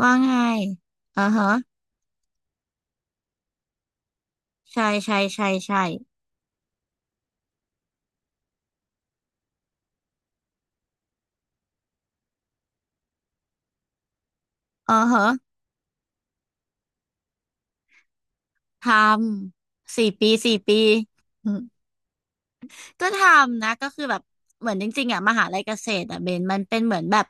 ว่าไงอ่าฮะใช่ใช่ใช่ใช่อ่าฮะทำสี่ปีสี่ปีอืมก็ทำนะก็คือแบบเหมือนจริงๆอ่ะมหาลัยเกษตรอ่ะเบนมันเป็นเหมือนแบบ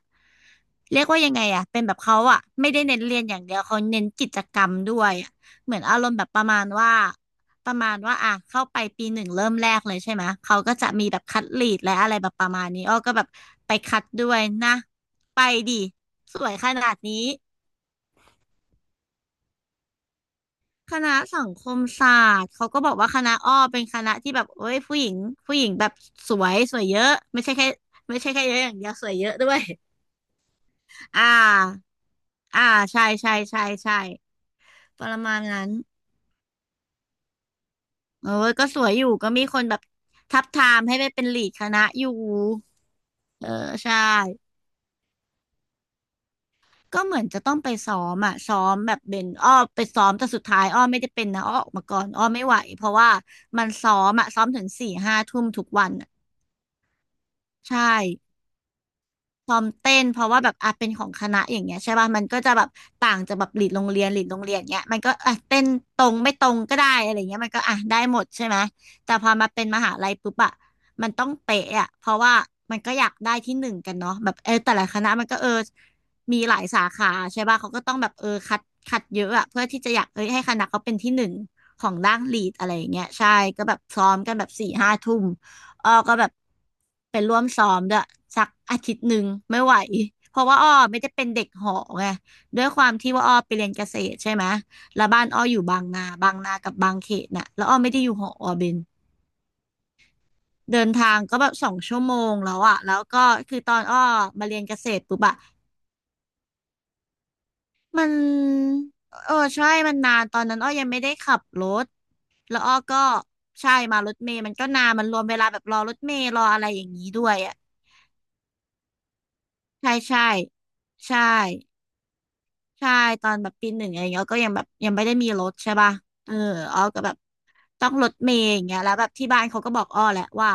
เรียกว่ายังไงอ่ะเป็นแบบเขาอ่ะไม่ได้เน้นเรียนอย่างเดียวเขาเน้นกิจกรรมด้วยอะเหมือนอารมณ์แบบประมาณว่าอ่ะเข้าไปปีหนึ่งเริ่มแรกเลยใช่ไหมเขาก็จะมีแบบคัดลีดและอะไรแบบประมาณนี้อ้อก็แบบไปคัดด้วยนะไปดิสวยขนาดนี้ คณะสังคมศาสตร์เขาก็บอกว่าคณะอ้อเป็นคณะที่แบบเอ้ยผู้หญิงผู้หญิงแบบสวยสวยเยอะไม่ใช่แค่เยอะอย่างเดียวสวยเยอะด้วย อ่าอ่าใช่ใช่ใช่ใช่ประมาณนั้นเอ้ยก็สวยอยู่ก็มีคนแบบทับทามให้ไปเป็นลีดคณะอยู่เออใช่ก็เหมือนจะต้องไปซ้อมอ่ะซ้อมแบบเป็นอ้อไปซ้อมแต่สุดท้ายอ้อไม่ได้เป็นนะอ้อออกมาก่อนอ้อไม่ไหวเพราะว่ามันซ้อมอ่ะซ้อมถึงสี่ห้าทุ่มทุกวัน ใช่ซ้อมเต้น เพราะว่าแบบอ่ะเป็นของคณะอย่างเงี้ยใช่ป่ะมันก็จะแบบต่างจากแบบหลีดโรงเรียนหลีดโรงเรียนเงี้ยมันก็อ่ะเต้นตรงไม่ตรงก็ได้อะไรเงี้ยมันก็อ่ะได้หมดใช่ไหมแต่พอมาเป็นมหาลัยปุ๊บอ่ะมันต้องเป๊ะอ่ะเพราะว่ามันก็อยากได้ที่หนึ่งกันเนาะแบบเออแต่ละคณะมันก็เออมีหลายสาขาใช่ป่ะเขาก็ต้องแบบเออคัดเยอะอ่ะเพื่อที่จะอยากเอ้ยให้คณะเขาเป็นที่หนึ่งของด้านหลีดอะไรอย่างเงี้ยใช่ก็แบบซ้อมกันแบบสี่ห้าทุ่ม อ้อก็แบบไปร่วมซ้อมด้วยสักอาทิตย์หนึ่งไม่ไหวเพราะว่าอ้อไม่ได้เป็นเด็กหอไงด้วยความที่ว่าอ้อไปเรียนเกษตรใช่ไหมแล้วบ้านอ้ออยู่บางนากับบางเขตน่ะแล้วอ้อไม่ได้อยู่หออ้อเบนเดินทางก็แบบ2 ชั่วโมงแล้วอะแล้วก็คือตอนอ้อมาเรียนเกษตรปุ๊บอะมันเออใช่มันนานตอนนั้นอ้อยังไม่ได้ขับรถแล้วอ้อก็ใช่มารถเมล์มันก็นานมันรวมเวลาแบบรอรถเมล์รออะไรอย่างนี้ด้วยอะใช่ใช่ใช่ ใช่ตอนแบบปีหนึ่งอะไรเองี้ยก็ยังแบบยังไม่ได้มีรถใช่ป่ะเอออ้อก็แบบต้องรถเมย์อย่างเงี้ยแล้วแบบที่บ้านเขาก็บอกอ้อแหละว่า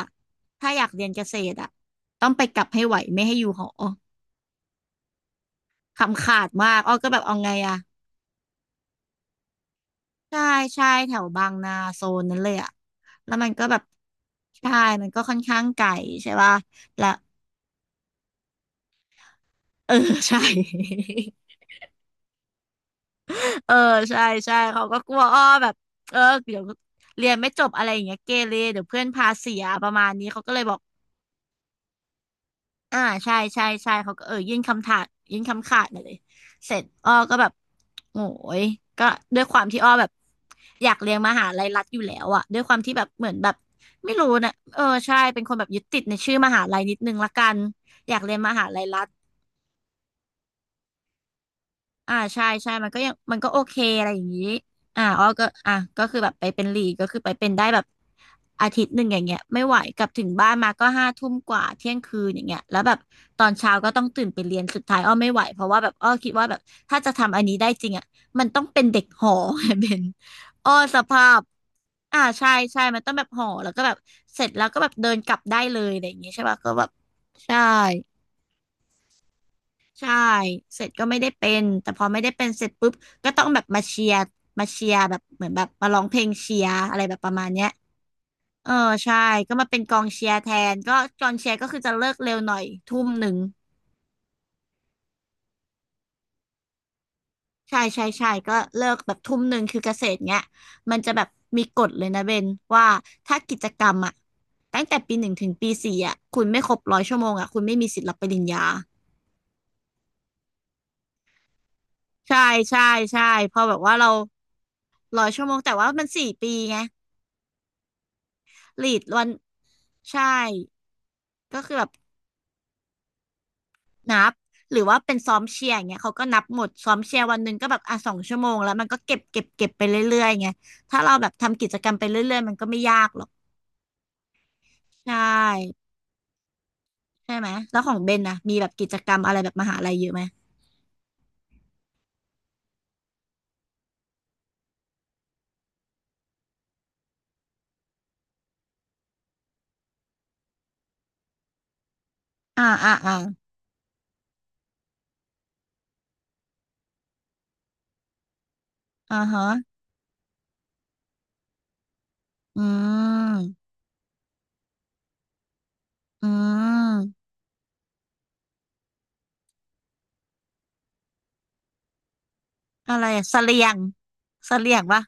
ถ้าอยากเรียนเกษตรอ่ะต้องไปกลับให้ไหวไม่ให้อยู่หอคำขาดมากอ้อก็แบบเอาไงอ่ะใช่ใช่แถวบางนาโซนนั้นเลยอะแล้วมันก็แบบใช่มันก็ค่อนข้างไกลใช่ป่ะแล้วเออใช่ เออใช่ใช่เขาก็กลัวอ้อแบบเออเดี๋ยวเรียนไม่จบอะไรอย่างเงี้ยเกเรเดี๋ยวเพื่อนพาเสียประมาณนี้เขาก็เลยบอกอ่าใช่ใช่ใช่เขาก็เออยื่นคำขาดมาเลยเสร็จอ้อก็แบบโอ้ยก็ด้วยความที่อ้อแบบอยากเรียนมหาลัยรัฐอยู่แล้วอะด้วยความที่แบบเหมือนแบบไม่รู้นะเออใช่เป็นคนแบบยึดติดในชื่อมหาลัยนิดนึงละกันอยากเรียนมหาลัยรัฐ อ่าใช่ใช่มันก็ยังมันก็โอเคอะไรอย่างนี้อ่าอ้อก็อ่ะก็คือแบบไปเป็นลีดก็คือไปเป็นได้แบบอาทิตย์หนึ่งอย่างเงี้ยไม่ไหวกลับถึงบ้านมาก็ห้าทุ่มกว่าเที่ยงคืนอย่างเงี้ยแล้วแบบตอนเช้าก็ต้องตื่นไปเรียนสุดท้ายอ้อไม่ไหวเพราะว่าแบบอ้อคิดว่าแบบถ้าจะทำอันนี้ได้จริงอ่ะมันต้องเป็นเด็กหอ เป็นอ้อสภาพอ่าใช่ใช่มันต้องแบบหอแล้วก็แบบเสร็จแล้วก็แบบเดินกลับได้เลยอะไรอย่างเงี้ยใช่ป่ะก็แบบใช่ ใช่เสร็จก็ไม่ได้เป็นแต่พอไม่ได้เป็นเสร็จปุ๊บก็ต้องแบบมาเชียร์แบบเหมือนแบบมาร้องเพลงเชียร์อะไรแบบประมาณเนี้ยเออใช่ก็มาเป็นกองเชียร์แทนก็กองเชียร์ก็คือจะเลิกเร็วหน่อยทุ่มหนึ่งใช่ใช่ใช่ก็เลิกแบบทุ่มหนึ่งคือเกษตรเงี้ยมันจะแบบมีกฎเลยนะเบนว่าถ้ากิจกรรมอะตั้งแต่ปีหนึ่งถึงปีสี่อะคุณไม่ครบร้อยชั่วโมงอะคุณไม่มีสิทธิ์รับปริญญาใช่ใช่ใช่พอแบบว่าเราร้อยชั่วโมงแต่ว่ามันสี่ปีไง ลีดวันใช่ก็คือแบบนับหรือว่าเป็นซ้อมเชียร์อย่างเงี้ยเขาก็นับหมดซ้อมเชียร์วันหนึ่งก็แบบอ่ะสองชั่วโมงแล้วมันก็เก็บไปเรื่อยๆไงถ้าเราแบบทำกิจกรรมไปเรื่อยๆมันก็ไม่ยากหรอกใช่ใช่ไหมแล้วของเบนนะมีแบบกิจกรรมอะไรแบบมหาลัยเยอะไหมอ่าอ่าอ่าอ่าฮะอืมอืมอะไรอะเสลียงเสลียงปะ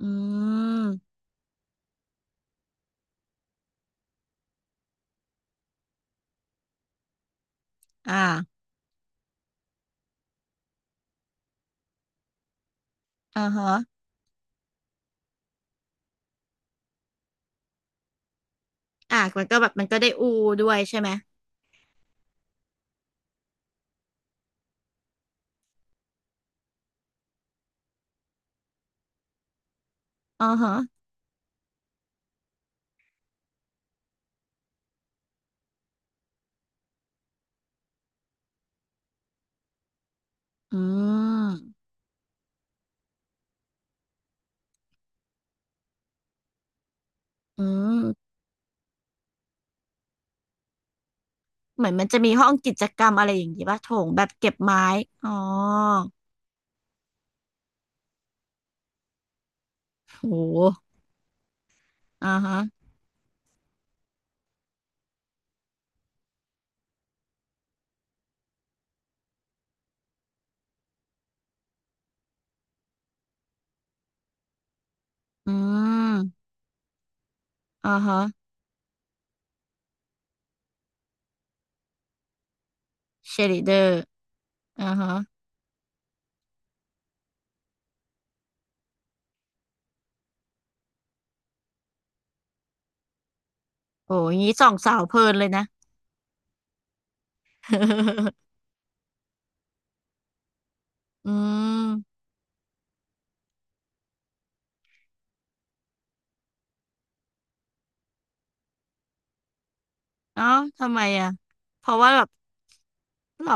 อืมอ่าอ่าฮะอ่ามันก็แบบมันก็ได้อูด้วยใช่ไหมอ่าฮะ อืมอืมเหมือนมันจะมีห้องกิจกรรมอะไรอย่างงี้ป่ะโถงแบบเก็บไม้อ๋อโหอ่าฮะอืมอ่าฮะเชลิเดอร์อ่าฮะโหอ้ยางงี้สองสาวเพลินเลยนะ อืมเอ้าทำไมอ่ะเพราะว่าแบบหรอ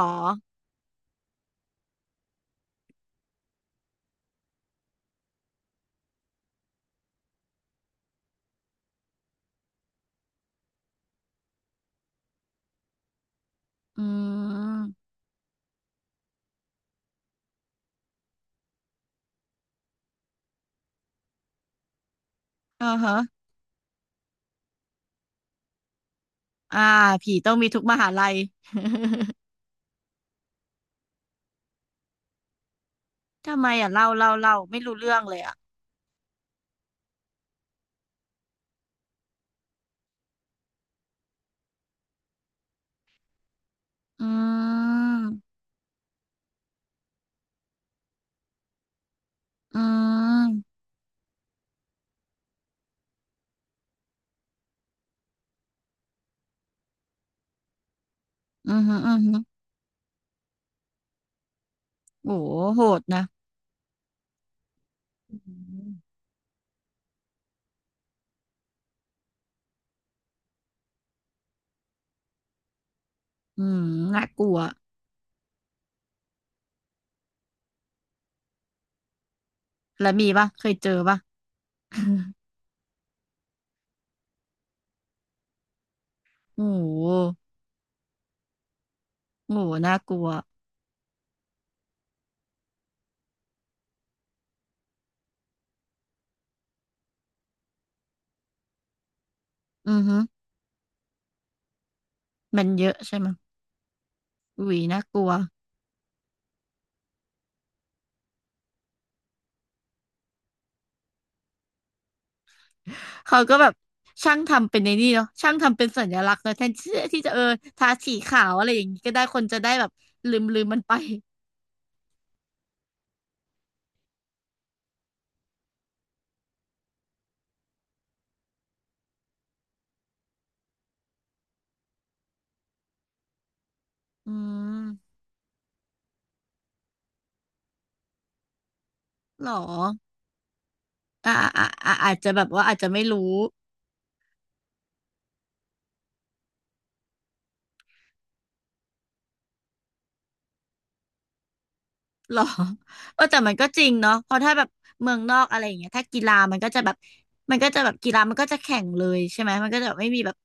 อืมอ่าฮะอ่าผีต้องมีทุกมหาลัย ทำไมอ่ะเล่าไม่รู้เรื่องเลยอ่ะอืมอืมอืมอหืม โอ้โหโหดนะอืมอืมน่ากลัวแล้วมีปะเคยเจอปะ โอ้โหโอ้โหน่ากลัวอือฮึมันเยอะใช่ไหมยอุ้ยน่ากลัวเขาก็แบบช่างทำเป็นในนี่เนาะช่างทำเป็นสัญลักษณ์เนาะแทนที่ที่จะเออทาสีขาวอะไรอย่างนี้ก็ได้คนจะได้แบบลืมมันไปอืมหรออ่าอ่าอ่าอาจจะแบบว่าอาจจะไม่รู้ หรอ เออแต่มันก็จริงเนาะเพราะถ้าแบบเมืองนอกอะไรอย่างเงี้ยถ้ากีฬามันก็จะแบบมันก็จะแบบกีฬามันก็จะแข่งเลยใช่ไหมมันก็จะแบบไม่มีแบบ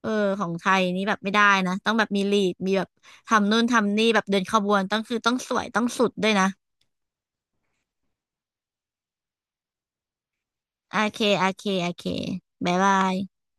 เออของไทยนี่แบบไม่ได้นะต้องแบบมีลีดมีแบบทำนู่นทำนี่แบบเดินขบวนต้องคือต้องสวยต้องสุดด้วยนะโอเคโอเคโอเคบ๊ายบาย